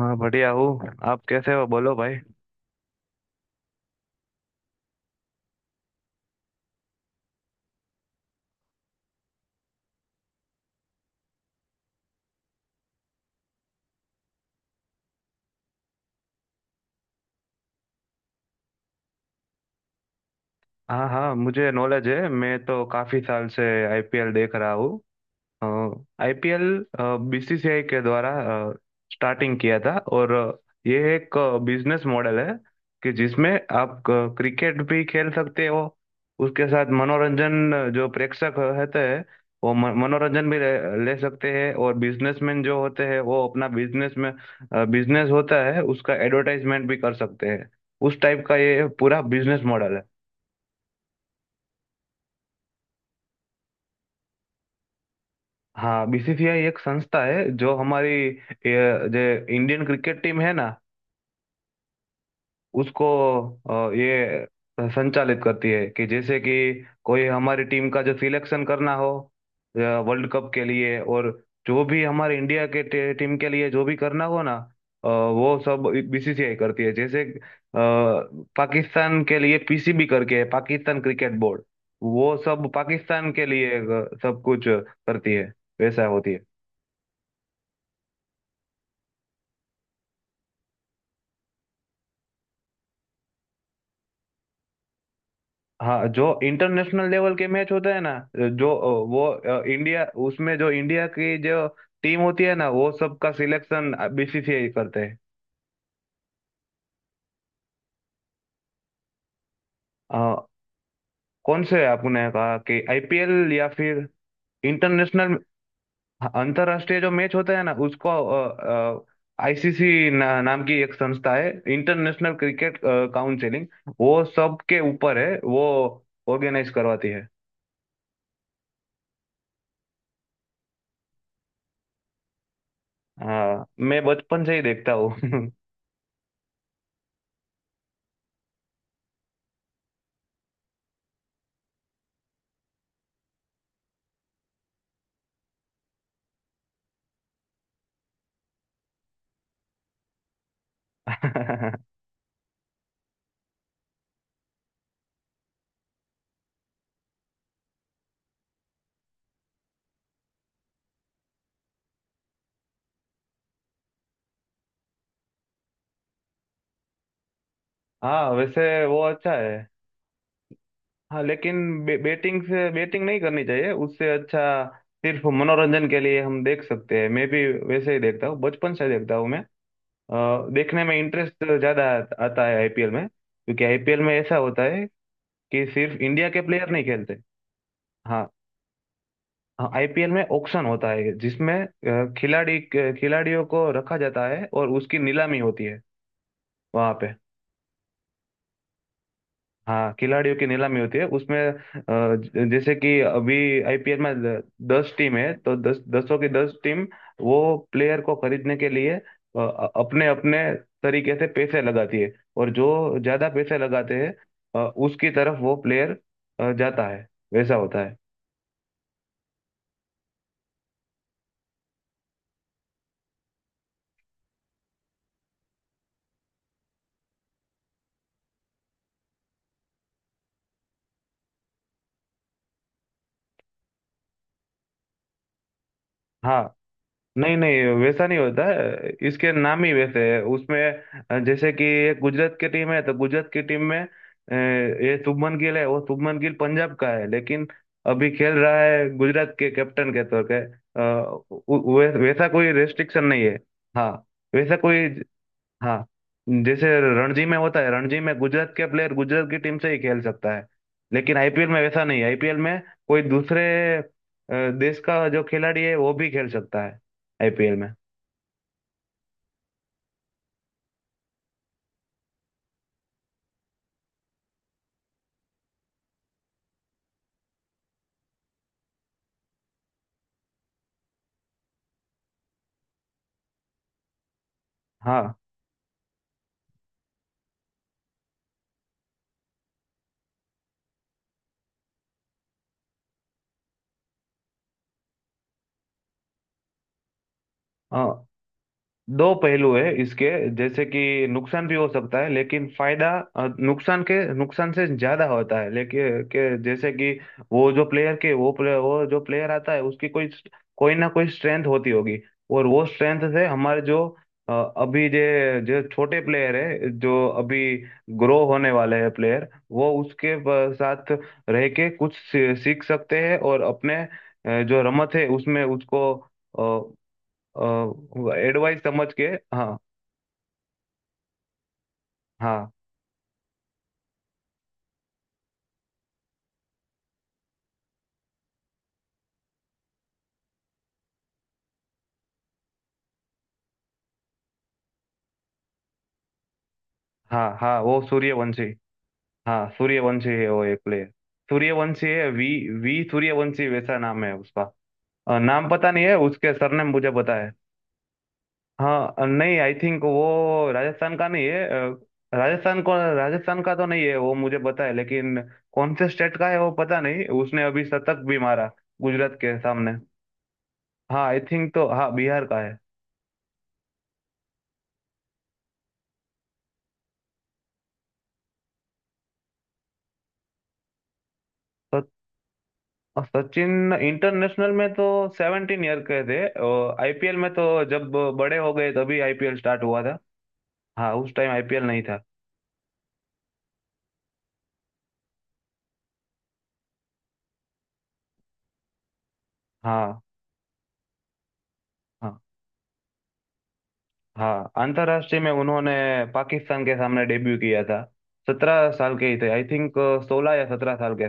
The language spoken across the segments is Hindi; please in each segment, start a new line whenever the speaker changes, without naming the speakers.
हाँ बढ़िया हूँ। आप कैसे हो, बोलो भाई। हाँ हाँ, मुझे नॉलेज है। मैं तो काफी साल से आईपीएल देख रहा हूँ। आईपीएल बीसीसीआई के द्वारा स्टार्टिंग किया था, और ये एक बिजनेस मॉडल है कि जिसमें आप क्रिकेट भी खेल सकते हो। उसके साथ मनोरंजन, जो प्रेक्षक होते हैं वो मनोरंजन भी ले सकते हैं, और बिजनेसमैन जो होते हैं वो अपना बिजनेस में, बिजनेस होता है उसका एडवर्टाइजमेंट भी कर सकते हैं। उस टाइप का ये पूरा बिजनेस मॉडल है। हाँ, बीसीसीआई एक संस्था है जो हमारी जो इंडियन क्रिकेट टीम है ना उसको ये संचालित करती है। कि जैसे कि कोई हमारी टीम का जो सिलेक्शन करना हो वर्ल्ड कप के लिए, और जो भी हमारे इंडिया के टीम के लिए जो भी करना हो ना, वो सब बीसीसीआई करती है। जैसे पाकिस्तान के लिए पीसीबी करके है, पाकिस्तान क्रिकेट बोर्ड। वो सब पाकिस्तान के लिए सब कुछ करती है। वैसा होती है। हाँ, जो इंटरनेशनल लेवल के मैच होते हैं ना, जो अ, वो अ, इंडिया उसमें जो इंडिया की जो टीम होती है ना वो सबका सिलेक्शन बीसीसीआई करते हैं। अ, कौन से, आपने कहा कि आईपीएल या फिर इंटरनेशनल? अंतरराष्ट्रीय जो मैच होता है ना उसको आईसीसी ना, नाम की एक संस्था है, इंटरनेशनल क्रिकेट काउंसिलिंग। वो सबके ऊपर है, वो ऑर्गेनाइज करवाती है। हाँ, मैं बचपन से ही देखता हूँ। हाँ, वैसे वो अच्छा है। हाँ लेकिन बेटिंग से बेटिंग नहीं करनी चाहिए। उससे अच्छा सिर्फ मनोरंजन के लिए हम देख सकते हैं। मैं भी वैसे ही देखता हूँ, बचपन से देखता हूँ मैं। देखने में इंटरेस्ट ज़्यादा आता है आईपीएल में, क्योंकि आईपीएल में ऐसा होता है कि सिर्फ इंडिया के प्लेयर नहीं खेलते। हाँ, आईपीएल में ऑक्शन होता है जिसमें खिलाड़ी खिलाड़ियों को रखा जाता है और उसकी नीलामी होती है वहाँ पे। हाँ, खिलाड़ियों की नीलामी होती है उसमें। जैसे कि अभी आईपीएल में 10 टीम है, तो दस, दसों की दस टीम वो प्लेयर को खरीदने के लिए अपने अपने तरीके से पैसे लगाती है, और जो ज्यादा पैसे लगाते हैं उसकी तरफ वो प्लेयर जाता है। वैसा होता है। हाँ, नहीं नहीं, वैसा नहीं होता है, इसके नाम ही वैसे है उसमें। जैसे कि एक गुजरात की टीम है, तो गुजरात की टीम में ये शुभमन गिल है। वो शुभमन गिल पंजाब का है लेकिन अभी खेल रहा है गुजरात के कैप्टन के तौर पे। वैसा कोई रेस्ट्रिक्शन नहीं है। हाँ, वैसा कोई। हाँ, जैसे रणजी में होता है, रणजी में गुजरात के प्लेयर गुजरात की टीम से ही खेल सकता है, लेकिन आईपीएल में वैसा नहीं है। आईपीएल में कोई दूसरे अ, देश का जो खिलाड़ी है वो भी खेल सकता है आईपीएल में। हाँ हाँ, दो पहलू है इसके। जैसे कि नुकसान भी हो सकता है, लेकिन फायदा, नुकसान के, नुकसान से ज्यादा होता है, लेकिन के जैसे कि वो जो प्लेयर आता है उसकी कोई कोई ना कोई स्ट्रेंथ होती होगी। और वो स्ट्रेंथ से हमारे जो अभी जे जो छोटे प्लेयर है जो अभी ग्रो होने वाले हैं प्लेयर, वो उसके साथ रह के कुछ सीख सकते हैं, और अपने जो रमत है उसमें उसको एडवाइस समझ के। हाँ हाँ, हाँ हाँ, वो सूर्यवंशी। हाँ, सूर्यवंशी है वो, एक प्लेयर। सूर्यवंशी है, वी V सूर्यवंशी वैसा नाम है उसका। नाम पता नहीं है उसके, सरनेम मुझे पता है। हाँ, नहीं, आई थिंक वो राजस्थान का नहीं है। राजस्थान का तो नहीं है वो, मुझे पता है, लेकिन कौन से स्टेट का है वो पता नहीं। उसने अभी शतक भी मारा गुजरात के सामने। हाँ, आई थिंक, तो हाँ बिहार का है। तो और सचिन इंटरनेशनल में तो 17 ईयर के थे। और आईपीएल में तो जब बड़े हो गए तभी आईपीएल स्टार्ट हुआ था। हाँ, उस टाइम आईपीएल नहीं था। हाँ हाँ, हाँ, अंतर्राष्ट्रीय में उन्होंने पाकिस्तान के सामने डेब्यू किया था। 17 साल के ही थे आई थिंक, 16 या 17 साल के।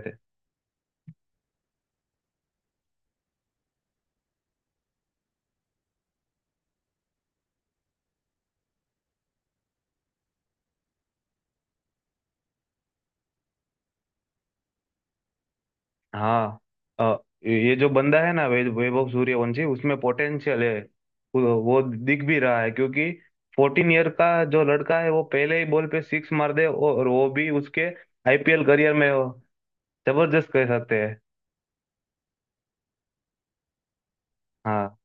हाँ, अ, ये जो बंदा है ना वैभव सूर्यवंशी, उसमें पोटेंशियल है। वो दिख भी रहा है क्योंकि 14 ईयर का जो लड़का है वो पहले ही बॉल पे सिक्स मार दे, और वो भी उसके आईपीएल करियर में। वो जबरदस्त कह सकते हैं। हाँ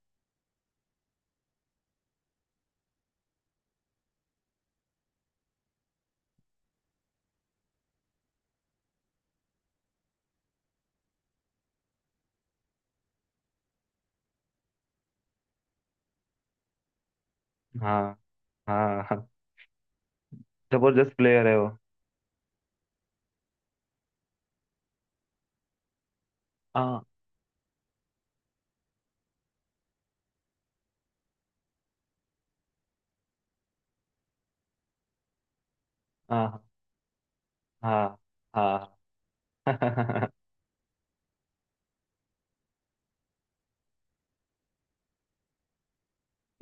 हाँ, हाँ हाँ, जबरदस्त प्लेयर है वो। हाँ हाँ, हाँ हाँ।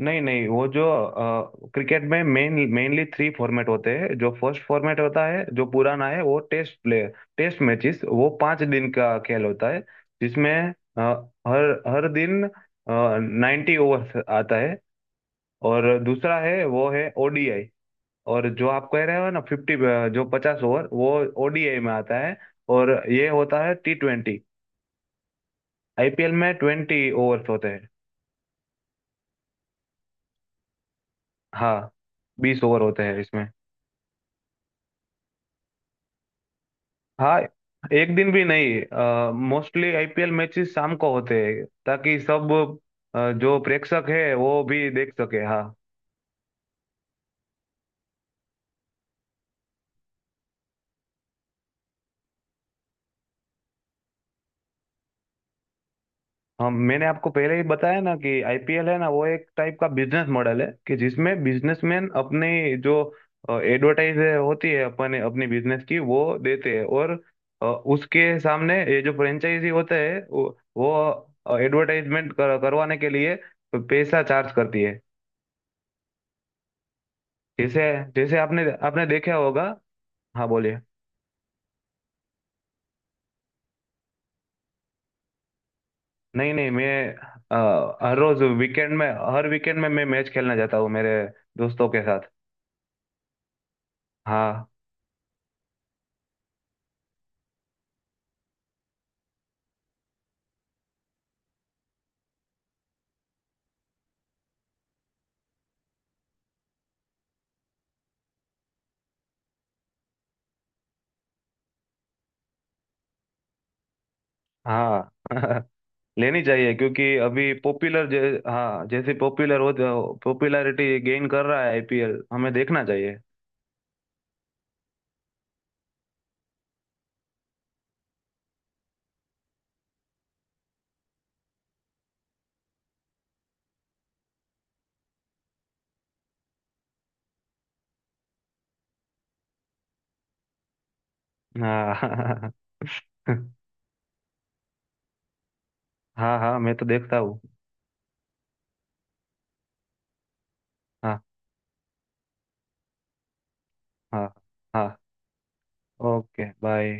नहीं नहीं, वो जो क्रिकेट में मेनली 3 फॉर्मेट होते हैं। जो फर्स्ट फॉर्मेट होता है जो पुराना है वो टेस्ट प्ले, टेस्ट मैचेस, वो 5 दिन का खेल होता है, जिसमें अ, हर हर दिन 90 ओवर्स आता है। और दूसरा है, वो है ओडीआई। और जो आप कह रहे हो ना 50, जो 50 ओवर, वो ओडीआई में आता है। और ये होता है T20। आईपीएल में 20 ओवर्स होते हैं। हाँ, 20 ओवर होते हैं इसमें। हाँ, एक दिन भी नहीं, मोस्टली आईपीएल मैचेस शाम को होते हैं ताकि सब जो प्रेक्षक है वो भी देख सके। हाँ, हम मैंने आपको पहले ही बताया ना कि आईपीएल है ना वो एक टाइप का बिजनेस मॉडल है, कि जिसमें बिजनेसमैन अपने जो एडवर्टाइज होती है, अपने अपनी बिजनेस की वो देते हैं, और उसके सामने ये जो फ्रेंचाइजी होते हैं वो एडवर्टाइजमेंट करवाने के लिए पैसा चार्ज करती है। जैसे, जैसे आपने आपने देखा होगा। हाँ, बोलिए। नहीं नहीं, मैं अ, हर रोज वीकेंड में हर वीकेंड में मैं मैच खेलना चाहता हूँ मेरे दोस्तों के साथ। हाँ हाँ। लेनी चाहिए क्योंकि अभी पॉपुलर, हाँ, जैसे पॉपुलर हो, पॉपुलैरिटी गेन कर रहा है आईपीएल, हमें देखना चाहिए। हाँ। हाँ हाँ, मैं तो देखता हूँ। हाँ हाँ। हाँ, ओके बाय।